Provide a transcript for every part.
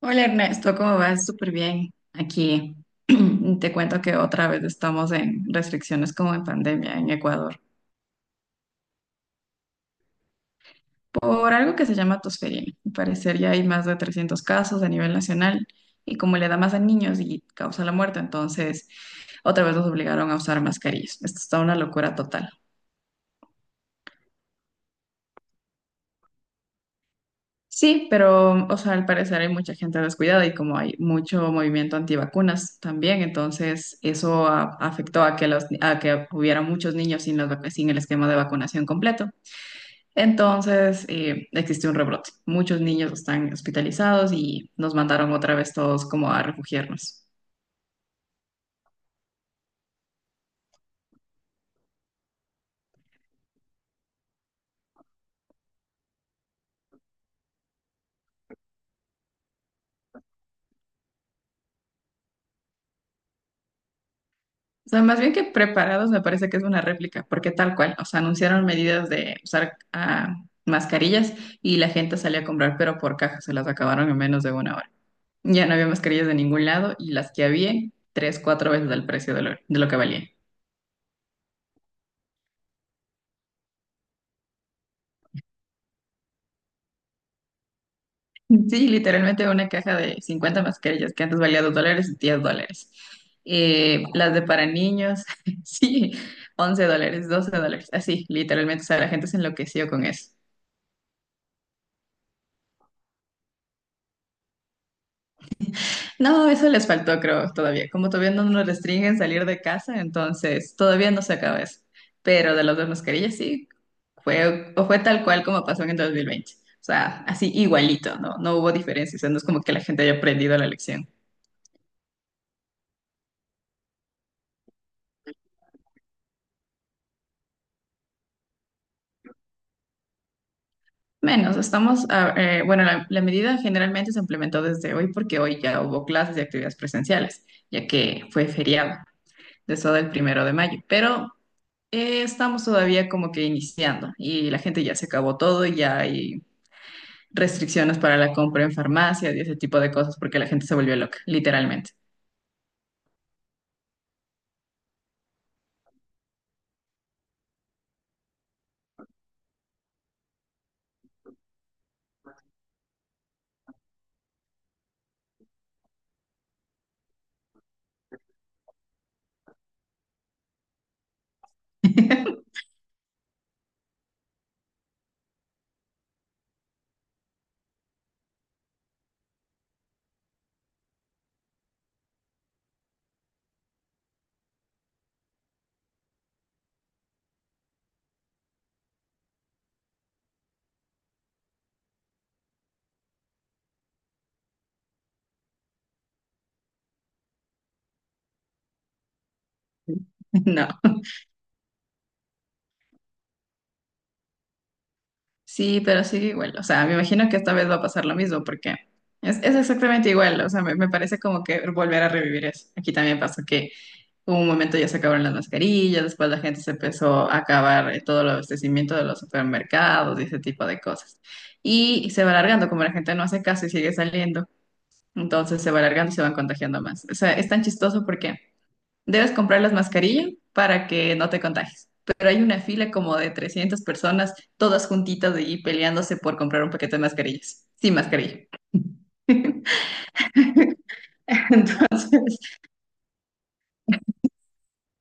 Hola Ernesto, ¿cómo vas? Súper bien. Aquí te cuento que otra vez estamos en restricciones como en pandemia en Ecuador por algo que se llama tosferina. Al parecer ya hay más de 300 casos a nivel nacional y como le da más a niños y causa la muerte, entonces otra vez nos obligaron a usar mascarillas. Esto está una locura total. Sí, pero, o sea, al parecer hay mucha gente descuidada y como hay mucho movimiento antivacunas también, entonces eso afectó a a que hubiera muchos niños sin sin el esquema de vacunación completo. Entonces, existe un rebrote. Muchos niños están hospitalizados y nos mandaron otra vez todos como a refugiarnos. O sea, más bien que preparados me parece que es una réplica, porque tal cual, o sea, anunciaron medidas de usar mascarillas y la gente salía a comprar, pero por caja se las acabaron en menos de una hora. Ya no había mascarillas de ningún lado y las que había, tres, cuatro veces el precio de lo que valía. Sí, literalmente una caja de 50 mascarillas que antes valía $2, $10. Las de para niños, sí, $11, $12, así, literalmente, o sea, la gente se enloqueció con eso. No, eso les faltó, creo, todavía. Como todavía no nos restringen salir de casa, entonces todavía no se acaba eso. Pero de las dos mascarillas, sí, fue tal cual como pasó en el 2020. O sea, así igualito, ¿no? No hubo diferencia. O sea, no es como que la gente haya aprendido la lección. Menos, estamos, bueno, la medida generalmente se implementó desde hoy porque hoy ya hubo clases y actividades presenciales, ya que fue feriado, de eso del 1 de mayo. Pero estamos todavía como que iniciando y la gente ya se acabó todo, ya hay restricciones para la compra en farmacias y ese tipo de cosas porque la gente se volvió loca, literalmente. No. Sí, pero sigue igual. O sea, me imagino que esta vez va a pasar lo mismo porque es exactamente igual. O sea, me parece como que volver a revivir eso. Aquí también pasó que hubo un momento ya se acabaron las mascarillas, después la gente se empezó a acabar todo el abastecimiento de los supermercados y ese tipo de cosas. Y se va alargando, como la gente no hace caso y sigue saliendo, entonces se va alargando y se van contagiando más. O sea, es tan chistoso porque debes comprar las mascarillas para que no te contagies. Pero hay una fila como de 300 personas, todas juntitas y peleándose por comprar un paquete de mascarillas. Sin mascarilla. Entonces,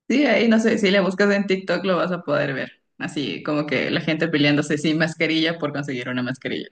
sí, ahí no sé, si le buscas en TikTok lo vas a poder ver. Así como que la gente peleándose sin mascarilla por conseguir una mascarilla.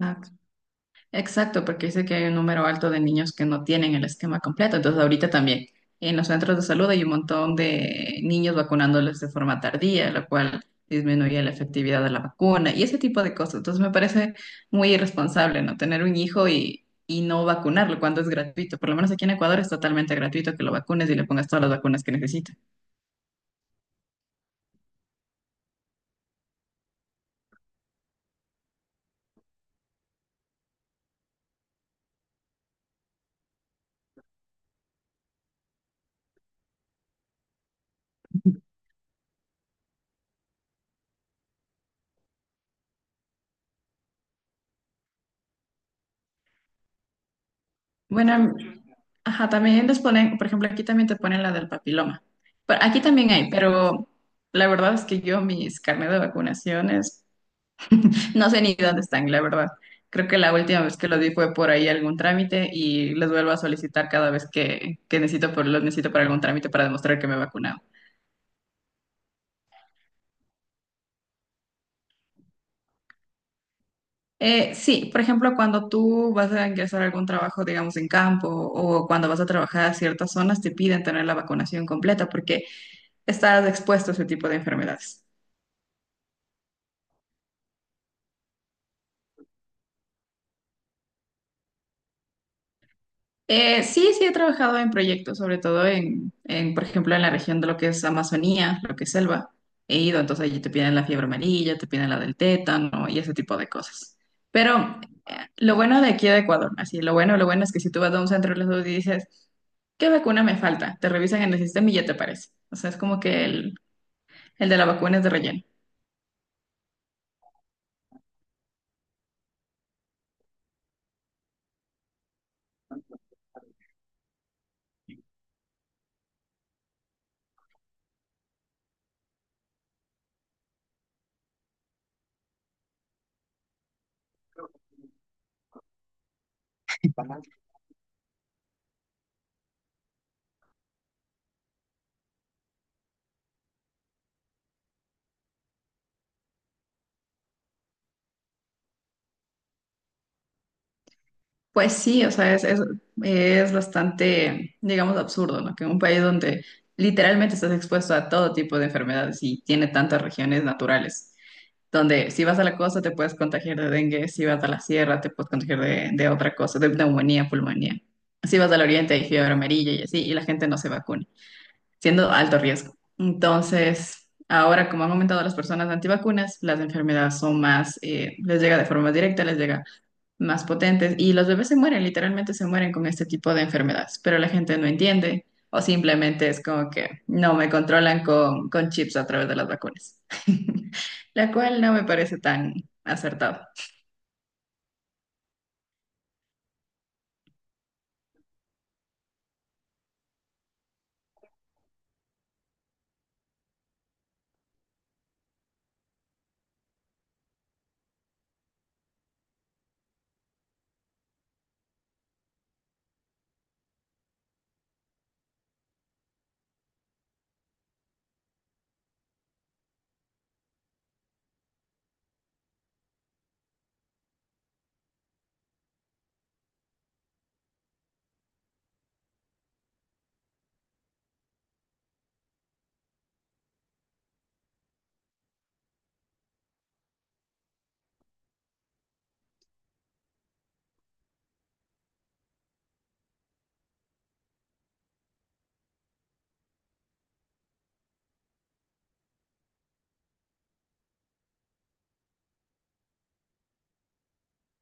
Ah, exacto, porque dice que hay un número alto de niños que no tienen el esquema completo. Entonces, ahorita también en los centros de salud hay un montón de niños vacunándoles de forma tardía, lo cual disminuye la efectividad de la vacuna y ese tipo de cosas. Entonces, me parece muy irresponsable, ¿no? Tener un hijo y no vacunarlo cuando es gratuito. Por lo menos aquí en Ecuador es totalmente gratuito que lo vacunes y le pongas todas las vacunas que necesita. Bueno, ajá, también les ponen, por ejemplo, aquí también te ponen la del papiloma. Pero aquí también hay, pero la verdad es que yo mis carnet de vacunaciones no sé ni dónde están, la verdad. Creo que la última vez que lo di fue por ahí algún trámite y les vuelvo a solicitar cada vez que necesito, los necesito para algún trámite para demostrar que me he vacunado. Sí, por ejemplo, cuando tú vas a ingresar a algún trabajo, digamos, en campo o cuando vas a trabajar a ciertas zonas, te piden tener la vacunación completa porque estás expuesto a ese tipo de enfermedades. Sí, sí he trabajado en proyectos, sobre todo por ejemplo, en la región de lo que es Amazonía, lo que es selva. He ido, entonces allí te piden la fiebre amarilla, te piden la del tétano y ese tipo de cosas. Pero lo bueno de aquí de Ecuador, así, lo bueno es que si tú vas a un centro de salud y dices, ¿qué vacuna me falta? Te revisan en el sistema y ya te aparece. O sea, es como que el de la vacuna es de relleno. Pues sí, o sea, es bastante, digamos, absurdo, ¿no? Que un país donde literalmente estás expuesto a todo tipo de enfermedades y tiene tantas regiones naturales, donde si vas a la costa te puedes contagiar de dengue, si vas a la sierra te puedes contagiar de otra cosa, de neumonía, pulmonía. Si vas al oriente hay fiebre amarilla y así, y la gente no se vacuna, siendo alto riesgo. Entonces, ahora como han aumentado las personas antivacunas, las enfermedades son más, les llega de forma directa, les llega más potentes y los bebés se mueren, literalmente se mueren con este tipo de enfermedades, pero la gente no entiende o simplemente es como que no me controlan con chips a través de las vacunas, la cual no me parece tan acertado.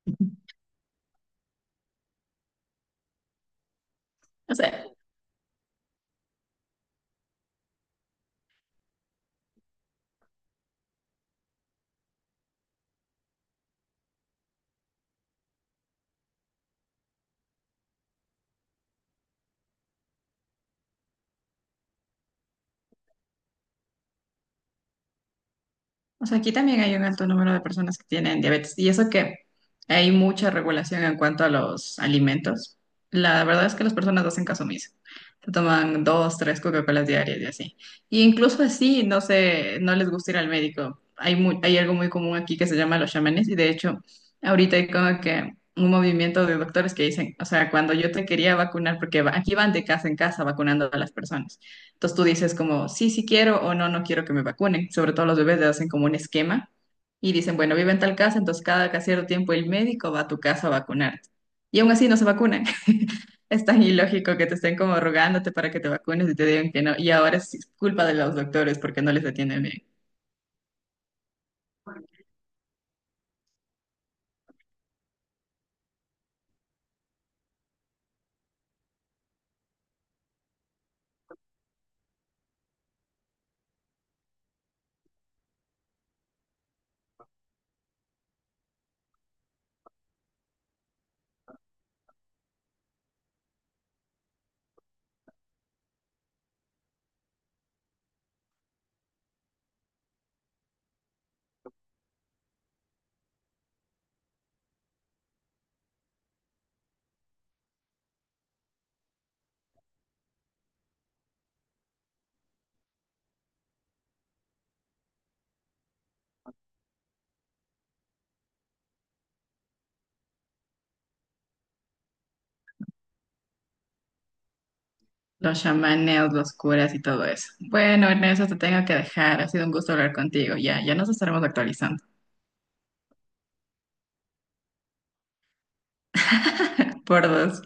No sé. O sea, aquí también hay un alto número de personas que tienen diabetes y eso que hay mucha regulación en cuanto a los alimentos. La verdad es que las personas hacen caso omiso. Se toman dos, tres Coca-Colas diarias y así. Y incluso así, no sé, no les gusta ir al médico. Hay algo muy común aquí que se llama los chamanes y de hecho ahorita hay como que un movimiento de doctores que dicen, o sea, cuando yo te quería vacunar, porque aquí van de casa en casa vacunando a las personas. Entonces tú dices como, sí, sí quiero o no, no quiero que me vacunen. Sobre todo los bebés le hacen como un esquema y dicen, bueno, vive en tal casa, entonces cada cierto tiempo el médico va a tu casa a vacunarte. Y aún así no se vacunan. Es tan ilógico que te estén como rogándote para que te vacunes y te digan que no. Y ahora sí es culpa de los doctores porque no les atienden bien. Los chamanes, los curas y todo eso. Bueno, Ernesto, te tengo que dejar. Ha sido un gusto hablar contigo. Ya, ya nos estaremos actualizando. Por dos.